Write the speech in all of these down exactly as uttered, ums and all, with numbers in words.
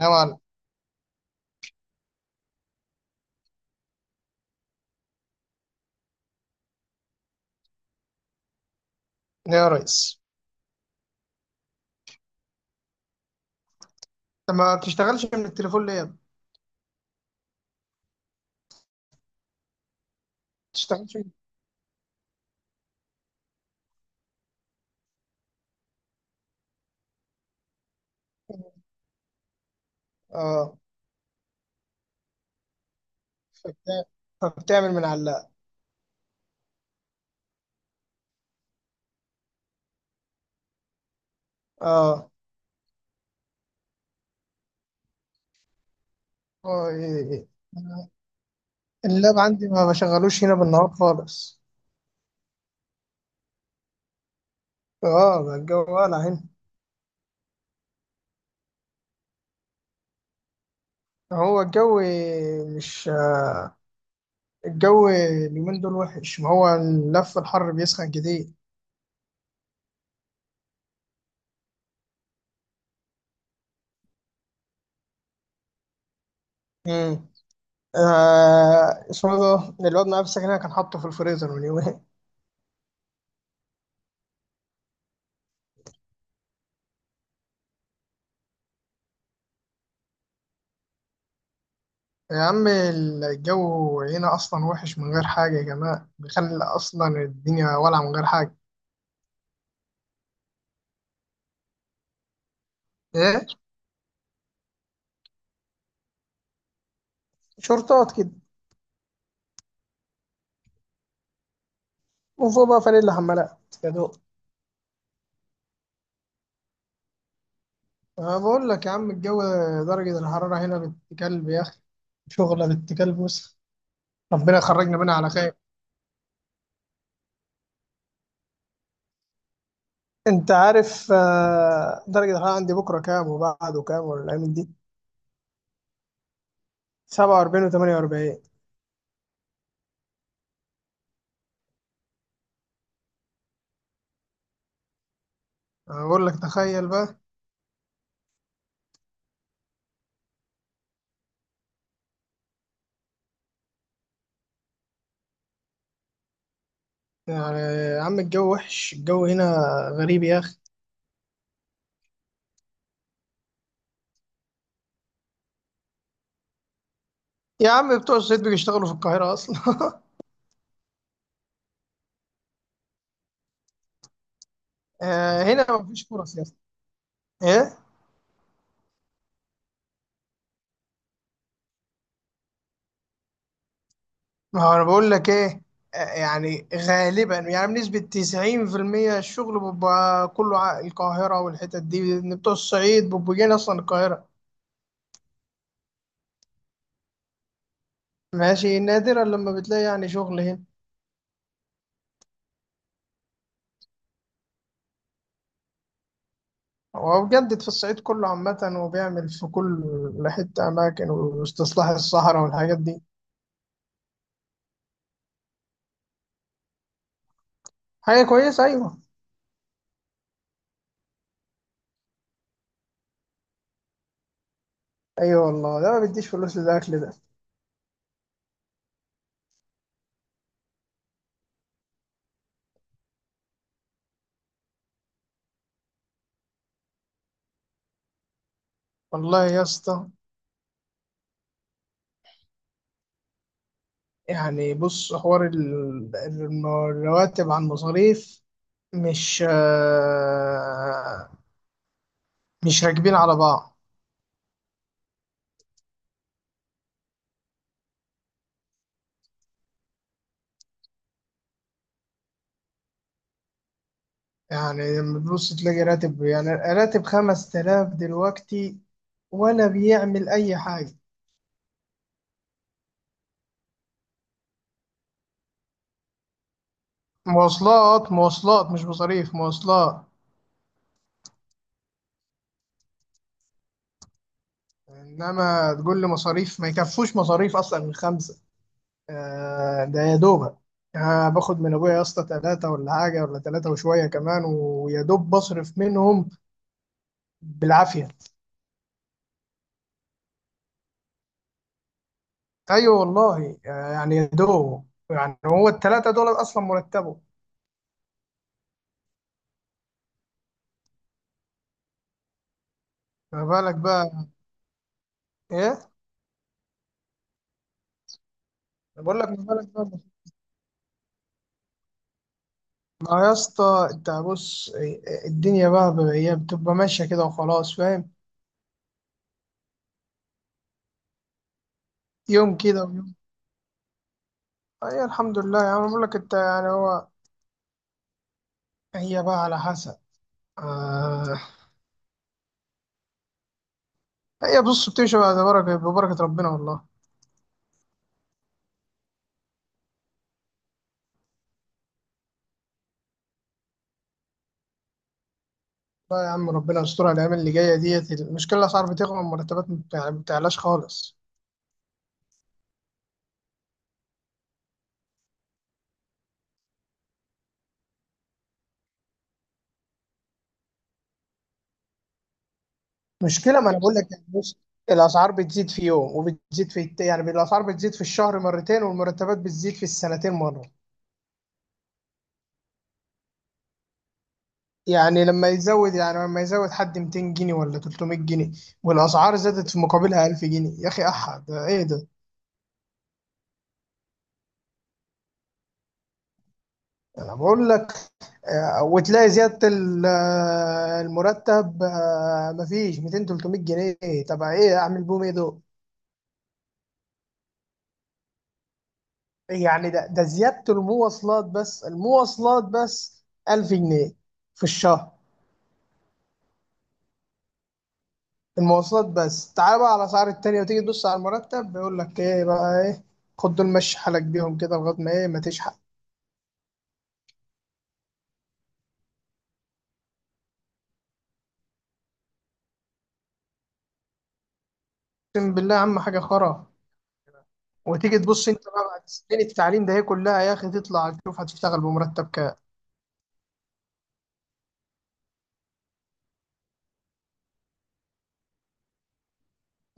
نوعا لا يا ريس. انت ما بتشتغلش من التليفون ليه؟ ما بتشتغلش من التليفون. اه، فبتع- فبتعمل من على اللاب. اه، اه، إيه إيه. اللاب عندي ما بشغلوش هنا بالنهار خالص. اه، ما الجو ولا هنا. هو الجو مش آه، الجو اليومين دول وحش، ما هو اللف الحر بيسخن كتير. امم آه اسمه ده الواد معايا في السكن هنا كان حاطه في الفريزر من يومين. يا عم الجو هنا أصلا وحش من غير حاجة يا جماعة، بيخلي أصلا الدنيا ولعة من غير حاجة. إيه؟ شرطات كده، وفوق بقى فانيلا حمالات يا دوب. أنا بقول لك يا عم الجو، درجة الحرارة هنا بنت كلب يا أخي، شغلة بنت كلب. بص، ربنا يخرجنا منها على خير. انت عارف آه، درجة الحرارة عندي بكرة كام وبعده كام ولا الأيام دي؟ سبعة وأربعين و48. أنا بقول لك تخيل بقى. يعني يا عم الجو وحش، الجو هنا غريب يا أخي. يا عم بتوع الصعيد بيشتغلوا في القاهرة أصلا آه، هنا مفيش فرص يا اسطى. إيه؟ ما هو أنا بقول لك إيه، آه، يعني غالبا يعني بنسبة تسعين في المية الشغل بيبقى كله ع- القاهرة والحتت دي، لأن بتوع الصعيد بيبقوا جايين أصلا القاهرة. ماشي، نادرا لما بتلاقي يعني شغل هنا. هو بجد في الصعيد كله عامة، وبيعمل في كل حتة، أماكن واستصلاح الصحراء والحاجات دي. حاجة كويسة أيوه. أيوه والله، ده ما بيديش فلوس للأكل ده. والله يا اسطى، يعني بص حوار ال- ال- الرواتب عن المصاريف، مش آه، مش راكبين على بعض. يعني لما تبص تلاقي راتب، يعني راتب خمستلاف دلوقتي ولا بيعمل أي حاجة. مواصلات، مواصلات، مش مصاريف، مواصلات. إنما تقول لي مصاريف، ما يكفوش مصاريف أصلا من خمسة. آه، ده يا دوبك. آه، باخد من أبويا يا اسطى تلاتة ولا حاجة، ولا تلاتة وشوية كمان ويا دوب بصرف منهم بالعافيه. ايوه والله، آه، يعني يا دوب، يعني هو الثلاثه دول اصلا مرتبه. ما بالك بقى؟ ايه؟ أنا بقول لك ما بالك بقى. ما يا اسطى انت بص، آه، الدنيا بقى ب- هي بتبقى ماشيه كده وخلاص فاهم، يوم كده ويوم. اي الحمد لله، يعني أنا بقول لك انت يعني هو، هي بقى على حسب. آه، هي بص بتمشي بقى، ببركه ببركه ربنا والله. لا يا عم، ربنا يسترها الايام اللي جايه ديت. المشكله الاسعار بتغلى، المرتبات ما بتع- ما بتعلاش خالص. مشكلة، ما انا بقول لك يعني بص، الاسعار بتزيد في يوم وبتزيد في الت- يعني الاسعار بتزيد في الشهر مرتين، والمرتبات بتزيد في السنتين مرة. يعني لما يزود، يعني لما يزود حد ميتين جنيه ولا تلتمية جنيه، والاسعار زادت في مقابلها ألف جنيه، يا اخي احد ايه ده؟ انا بقول لك آه، وتلاقي زيادة ال- آه، المرتب آه، مفيش ميتين تلتمية جنيه. طب ايه اعمل بهم، ايه دول؟ يعني ده ده زيادة المواصلات بس، المواصلات بس ألف جنيه في الشهر. المواصلات بس، تعال بقى على الأسعار التانية وتيجي تبص على المرتب، بيقول لك إيه بقى إيه. خد دول مشي حالك بيهم كده لغاية ما إيه، ما تشحق. أقسم بالله يا عم حاجة خرا. وتيجي تبص أنت بقى بعد سنين التعليم ده، هي كلها يا أخي تطلع تشوف هتشتغل بمرتب كام.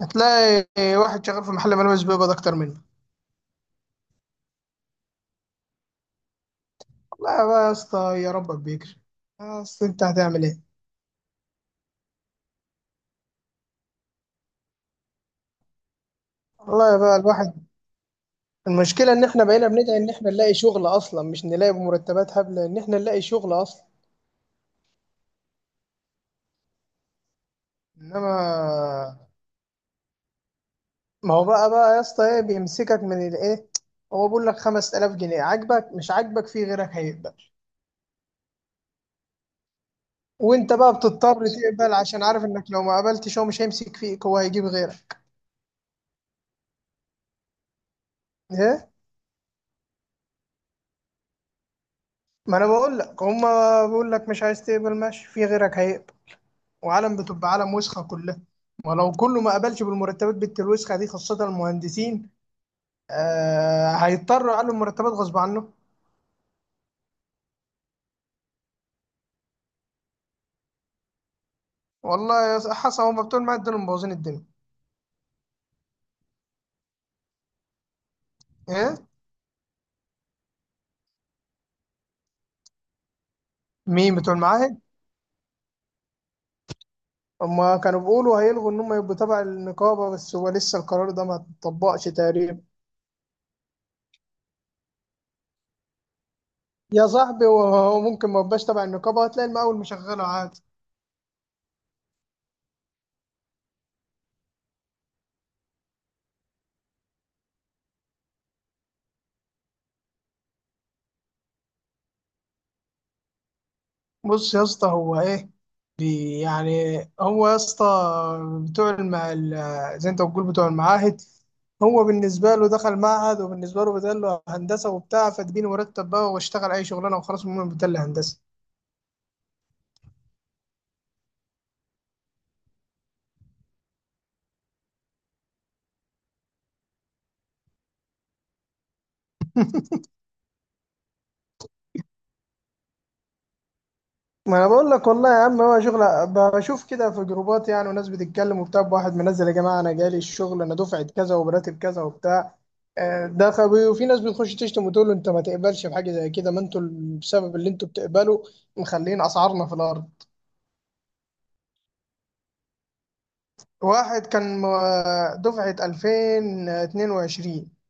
هتلاقي واحد شغال في محل ملابس بيقبض أكتر منه. والله بقى يا اسطى، يا ربك بيكرم. يا أسطى، أنت هتعمل إيه؟ والله بقى الواحد، المشكلة إن إحنا بقينا بندعي إن إحنا نلاقي شغل أصلا، مش نلاقي بمرتبات هبلة، إن إحنا نلاقي شغل أصلا. إنما، ما هو بقى بقى يا اسطى ايه بيمسكك من الايه؟ هو بيقول لك خمسة آلاف جنيه، عاجبك مش عاجبك في غيرك هيقبل. وانت بقى بتضطر تقبل، عشان عارف انك لو ما قبلتش هو مش هيمسك فيك، هو هيجيب غيرك. ايه، ما انا بقول لك هما بيقول لك مش عايز تقبل، ماشي، في غيرك هيقبل. وعالم بتبقى عالم وسخه كلها. ولو كله ما قبلش بالمرتبات بنت الوسخه دي، خاصه المهندسين، آه هيضطروا يعلوا المرتبات غصب عنه. والله يا اسطى، حسن هما بتوع المعاهد دول اللي مبوظين الدنيا. ايه، مين بتوع المعاهد؟ هما كانوا بيقولوا هيلغوا إن هما يبقوا تبع النقابة، بس هو لسه القرار ده ما اتطبقش تقريبا. يا صاحبي، هو ممكن ما يبقاش تبع النقابة، هتلاقي المقاول مشغله عادي. بص يا اسطى، هو إيه، بي يعني هو يا اسطى، بتوع الم... ال- زي أنت بتقول بتوع المعاهد، هو بالنسبة له دخل معهد، وبالنسبة له بدل له هندسة وبتاع، فاديني مرتب بقى واشتغل أي شغلانة وخلاص، المهم بدل لي هندسة. ما انا بقول لك والله يا عم، هو شغل بشوف كده في جروبات يعني، وناس بتتكلم وبتاع، واحد منزل يا جماعه انا جالي الشغل، انا دفعه كذا وبراتب كذا وبتاع. آه، ده خبي. وفي ناس بتخش تشتم وتقول له انت ما تقبلش بحاجه زي كده، ما انتوا ال- بسبب اللي انتوا بتقبلوا مخلين اسعارنا في الارض. واحد كان آه، دفعه ألفين واثنين وعشرين